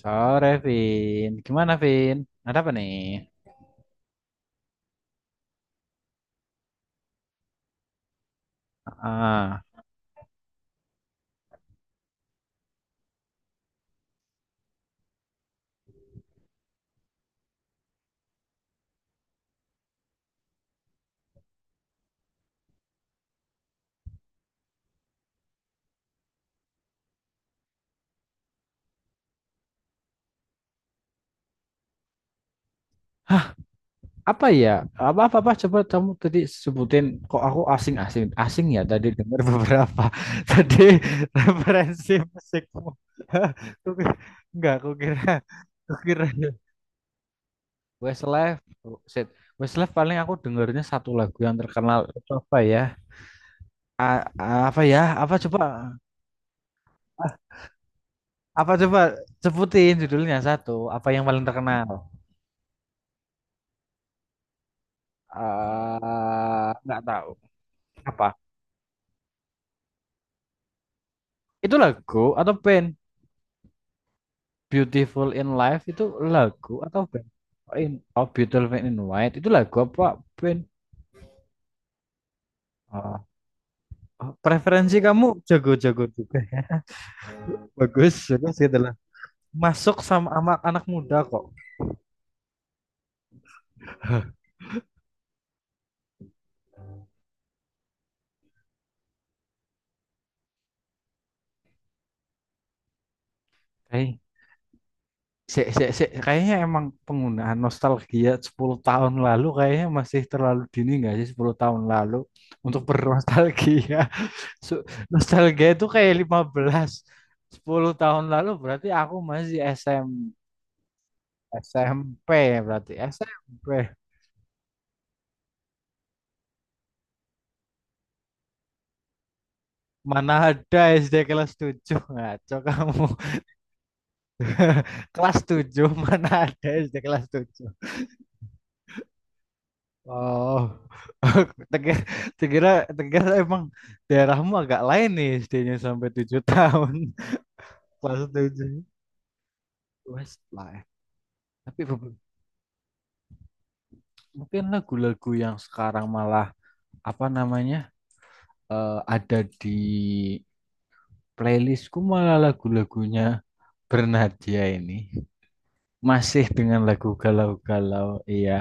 Sore, Vin. Gimana, Vin? Ada apa nih? Ah, hah, Apa ya? Apa, apa, apa? Coba kamu tadi sebutin. Kok aku asing-asing? Asing ya, tadi dengar beberapa. Tadi referensi musikmu. Aku kira- Enggak, aku kira. Aku kira. Westlife. Shit. Westlife paling aku dengernya satu lagu yang terkenal. Itu apa ya? Apa ya? Apa coba? Ah, Apa coba? Sebutin judulnya satu. Apa yang paling terkenal? Nggak tahu apa itu lagu atau band. Beautiful in Life itu lagu atau band? Oh, in, oh Beautiful in White itu lagu apa band? Ah, oh, preferensi kamu jago-jago juga ya. Bagus bagus gitu lah, masuk sama anak anak muda kok. Kayak- se se sek. Kayaknya emang penggunaan nostalgia 10 tahun lalu kayaknya masih terlalu dini, nggak sih? 10 tahun lalu untuk bernostalgia. So, nostalgia itu kayak 15, 10 tahun lalu berarti aku masih SMP berarti SMP. Mana ada SD kelas 7, ngaco kamu. Kelas tujuh, mana ada SD kelas 7? Oh. Tegar Tegira tegar, emang daerahmu agak lain nih, SD-nya sampai 7 tahun. Kelas 7. Westlife. Tapi be- Mungkin lagu-lagu yang sekarang malah apa namanya? Ada di playlistku malah lagu-lagunya Bernadia ini, masih dengan lagu galau-galau. Iya,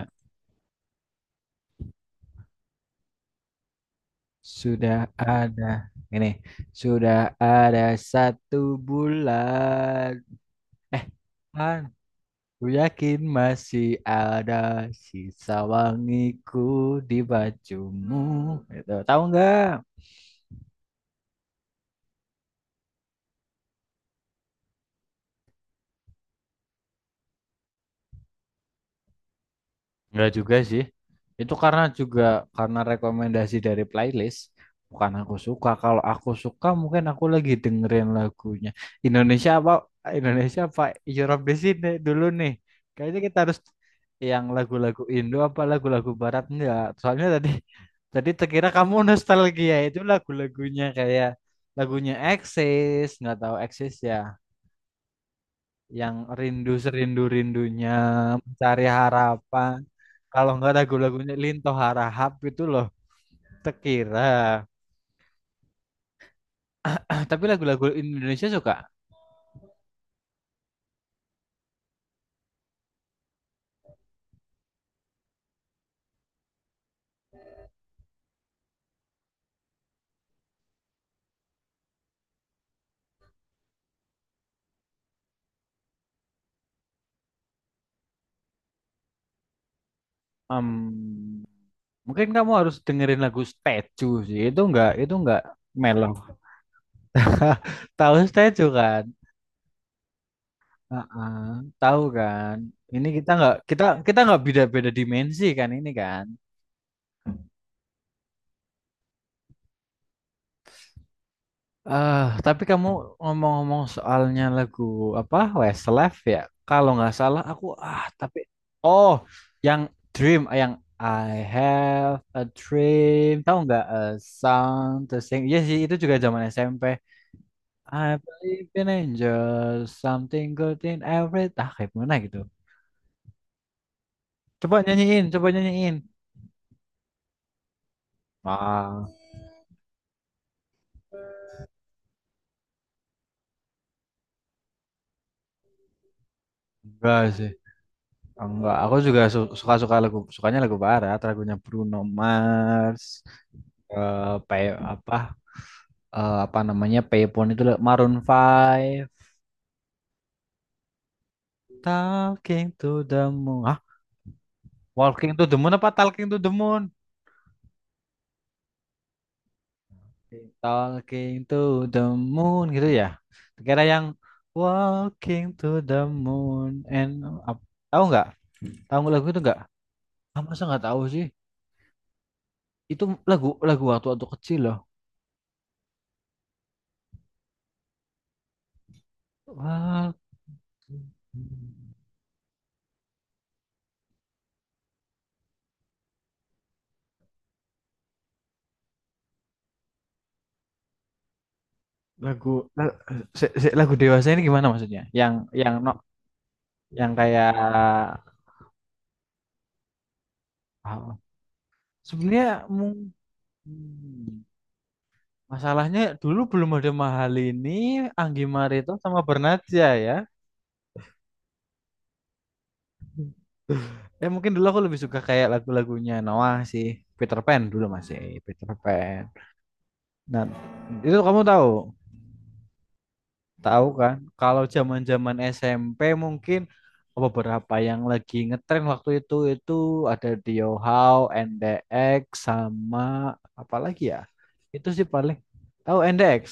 sudah ada ini sudah ada 1 bulan, eh kan ku yakin masih ada sisa wangiku di bajumu, itu tahu nggak? Enggak juga sih. Itu karena juga karena rekomendasi dari playlist. Bukan aku suka. Kalau aku suka mungkin aku lagi dengerin lagunya. Indonesia apa? Indonesia apa? Europe di sini dulu nih. Kayaknya kita harus yang lagu-lagu Indo apa lagu-lagu Barat, enggak. Soalnya tadi tadi terkira kamu nostalgia itu lagu-lagunya kayak lagunya Axis. Nggak tahu Axis ya, yang rindu serindu rindunya mencari harapan, kalau nggak lagu-lagunya Linto Harahap itu loh. Tekira tapi lagu-lagu Indonesia suka. Em, Mungkin kamu harus dengerin lagu Statue sih, itu nggak mellow. Tahu Statue kan? Heeh, tahu kan, ini kita nggak beda-beda dimensi kan, ini kan? Tapi kamu ngomong-ngomong soalnya lagu apa Westlife ya? Kalau nggak salah aku tapi oh yang Dream, yang I have a dream, tahu nggak, a song to sing? Iya sih, itu juga zaman SMP. I believe in angels, something good in every, kayak mana gitu. Coba nyanyiin, coba nyanyiin. Ah, enggak sih. Enggak, aku juga suka-suka lagu, sukanya lagu barat, lagunya Bruno Mars, eh pay, apa, apa namanya, Payphone itu loh, Maroon Five. Talking to the Moon. Hah? Walking to the Moon apa Talking to the Moon? Talking to the Moon gitu ya. Kira yang Walking to the Moon and ap- tahu nggak? Tahu nggak lagu itu nggak? Masa nggak tahu sih? Itu lagu lagu waktu waktu kecil loh. Walking. Lagu la- se- se- lagu dewasa ini gimana maksudnya? Yang no, yang kayak apa? Sebenarnya mung- hmm, masalahnya dulu belum ada mahal ini, Anggi Marito sama Bernadja ya. Ya mungkin dulu aku lebih suka kayak lagu-lagunya Noah sih. Peter Pan, dulu masih Peter Pan. Nah, itu kamu tahu. Tahu kan? Kalau zaman-zaman SMP mungkin beberapa yang lagi ngetren waktu itu ada Diohao, NDX, sama apa lagi ya? Itu sih paling. Tahu NDX?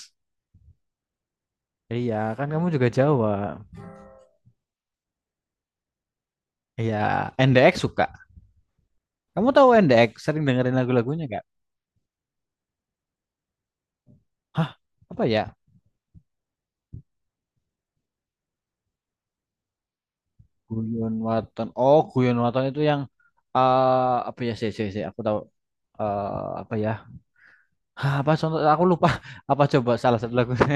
Iya, kan kamu juga Jawa. Iya, NDX suka. Kamu tahu NDX? Sering dengerin lagu-lagunya nggak? Hah, apa ya? Guyon Waton. Oh, Guyon Waton itu yang apa ya? Si si sih. Aku tahu. eh apa ya? Hah, apa contoh? Aku lupa. Apa coba salah satu lagunya?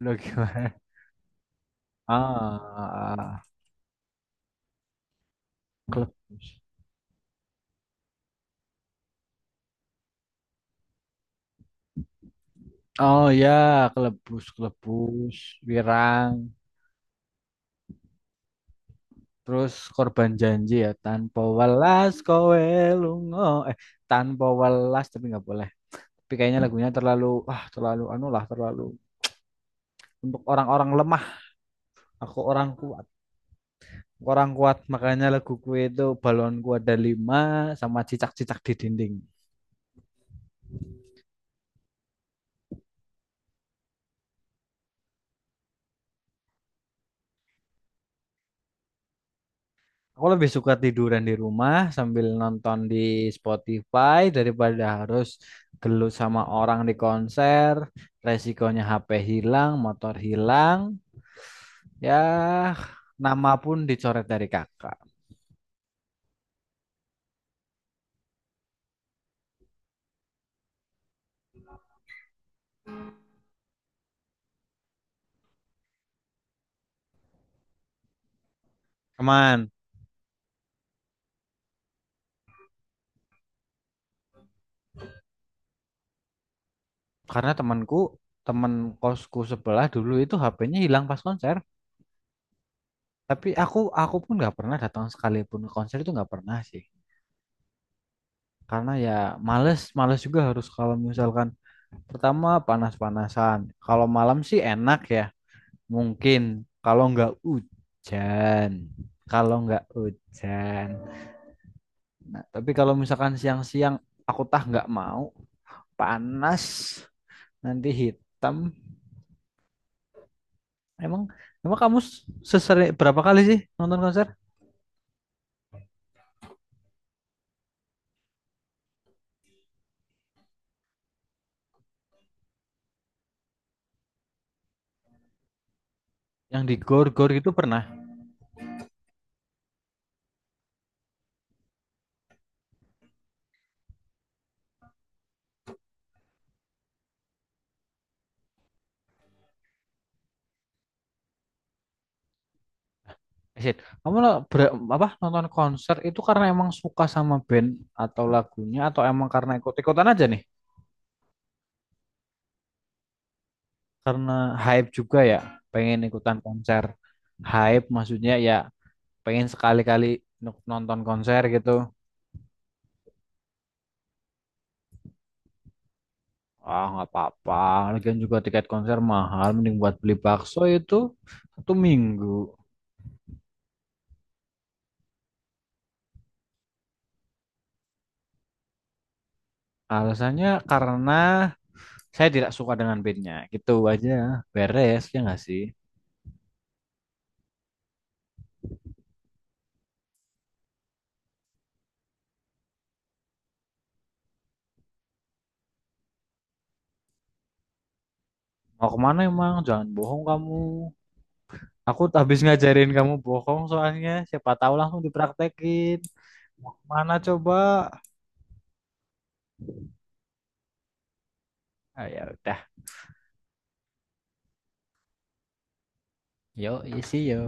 Lo gimana? Ah, Kelebus. Oh ya, kelebus, kelebus, wirang. Terus korban janji ya, tanpa welas kowe lunga. Eh, tanpa welas, tapi nggak boleh. Tapi kayaknya lagunya terlalu, terlalu anu lah, terlalu untuk orang-orang lemah. Aku orang kuat, Aku orang kuat. Makanya laguku itu balonku ada lima sama cicak-cicak di dinding. Aku lebih suka tiduran di rumah sambil nonton di Spotify daripada harus gelut sama orang di konser. Resikonya HP hilang, motor hilang. Ya, nama pun dicoret dari kakak. Teman, karena temanku, teman kosku sebelah dulu itu HP-nya hilang pas konser. Tapi aku pun nggak pernah datang sekalipun ke konser, itu nggak pernah sih. Karena ya males, males juga harus kalau misalkan, pertama panas-panasan. Kalau malam sih enak ya, mungkin kalau nggak hujan, kalau nggak hujan. Nah, tapi kalau misalkan siang-siang, aku tah nggak mau, panas, nanti hitam. Emang emang kamu sesering berapa kali sih nonton konser? Yang di gor-gor itu pernah? Asyik. Kamu apa, nonton konser itu karena emang suka sama band atau lagunya, atau emang karena ikut-ikutan aja nih? Karena hype juga ya, pengen ikutan konser. Hype maksudnya ya, pengen sekali-kali nonton konser gitu. Nggak apa-apa. Lagian juga tiket konser mahal, mending buat beli bakso itu 1 minggu. Alasannya karena saya tidak suka dengan bandnya. Gitu aja, beres ya nggak sih? Mau kemana emang? Jangan bohong kamu. Aku habis ngajarin kamu bohong soalnya. Siapa tahu langsung dipraktekin. Mau kemana coba? Ya udah. Yo, isi yo.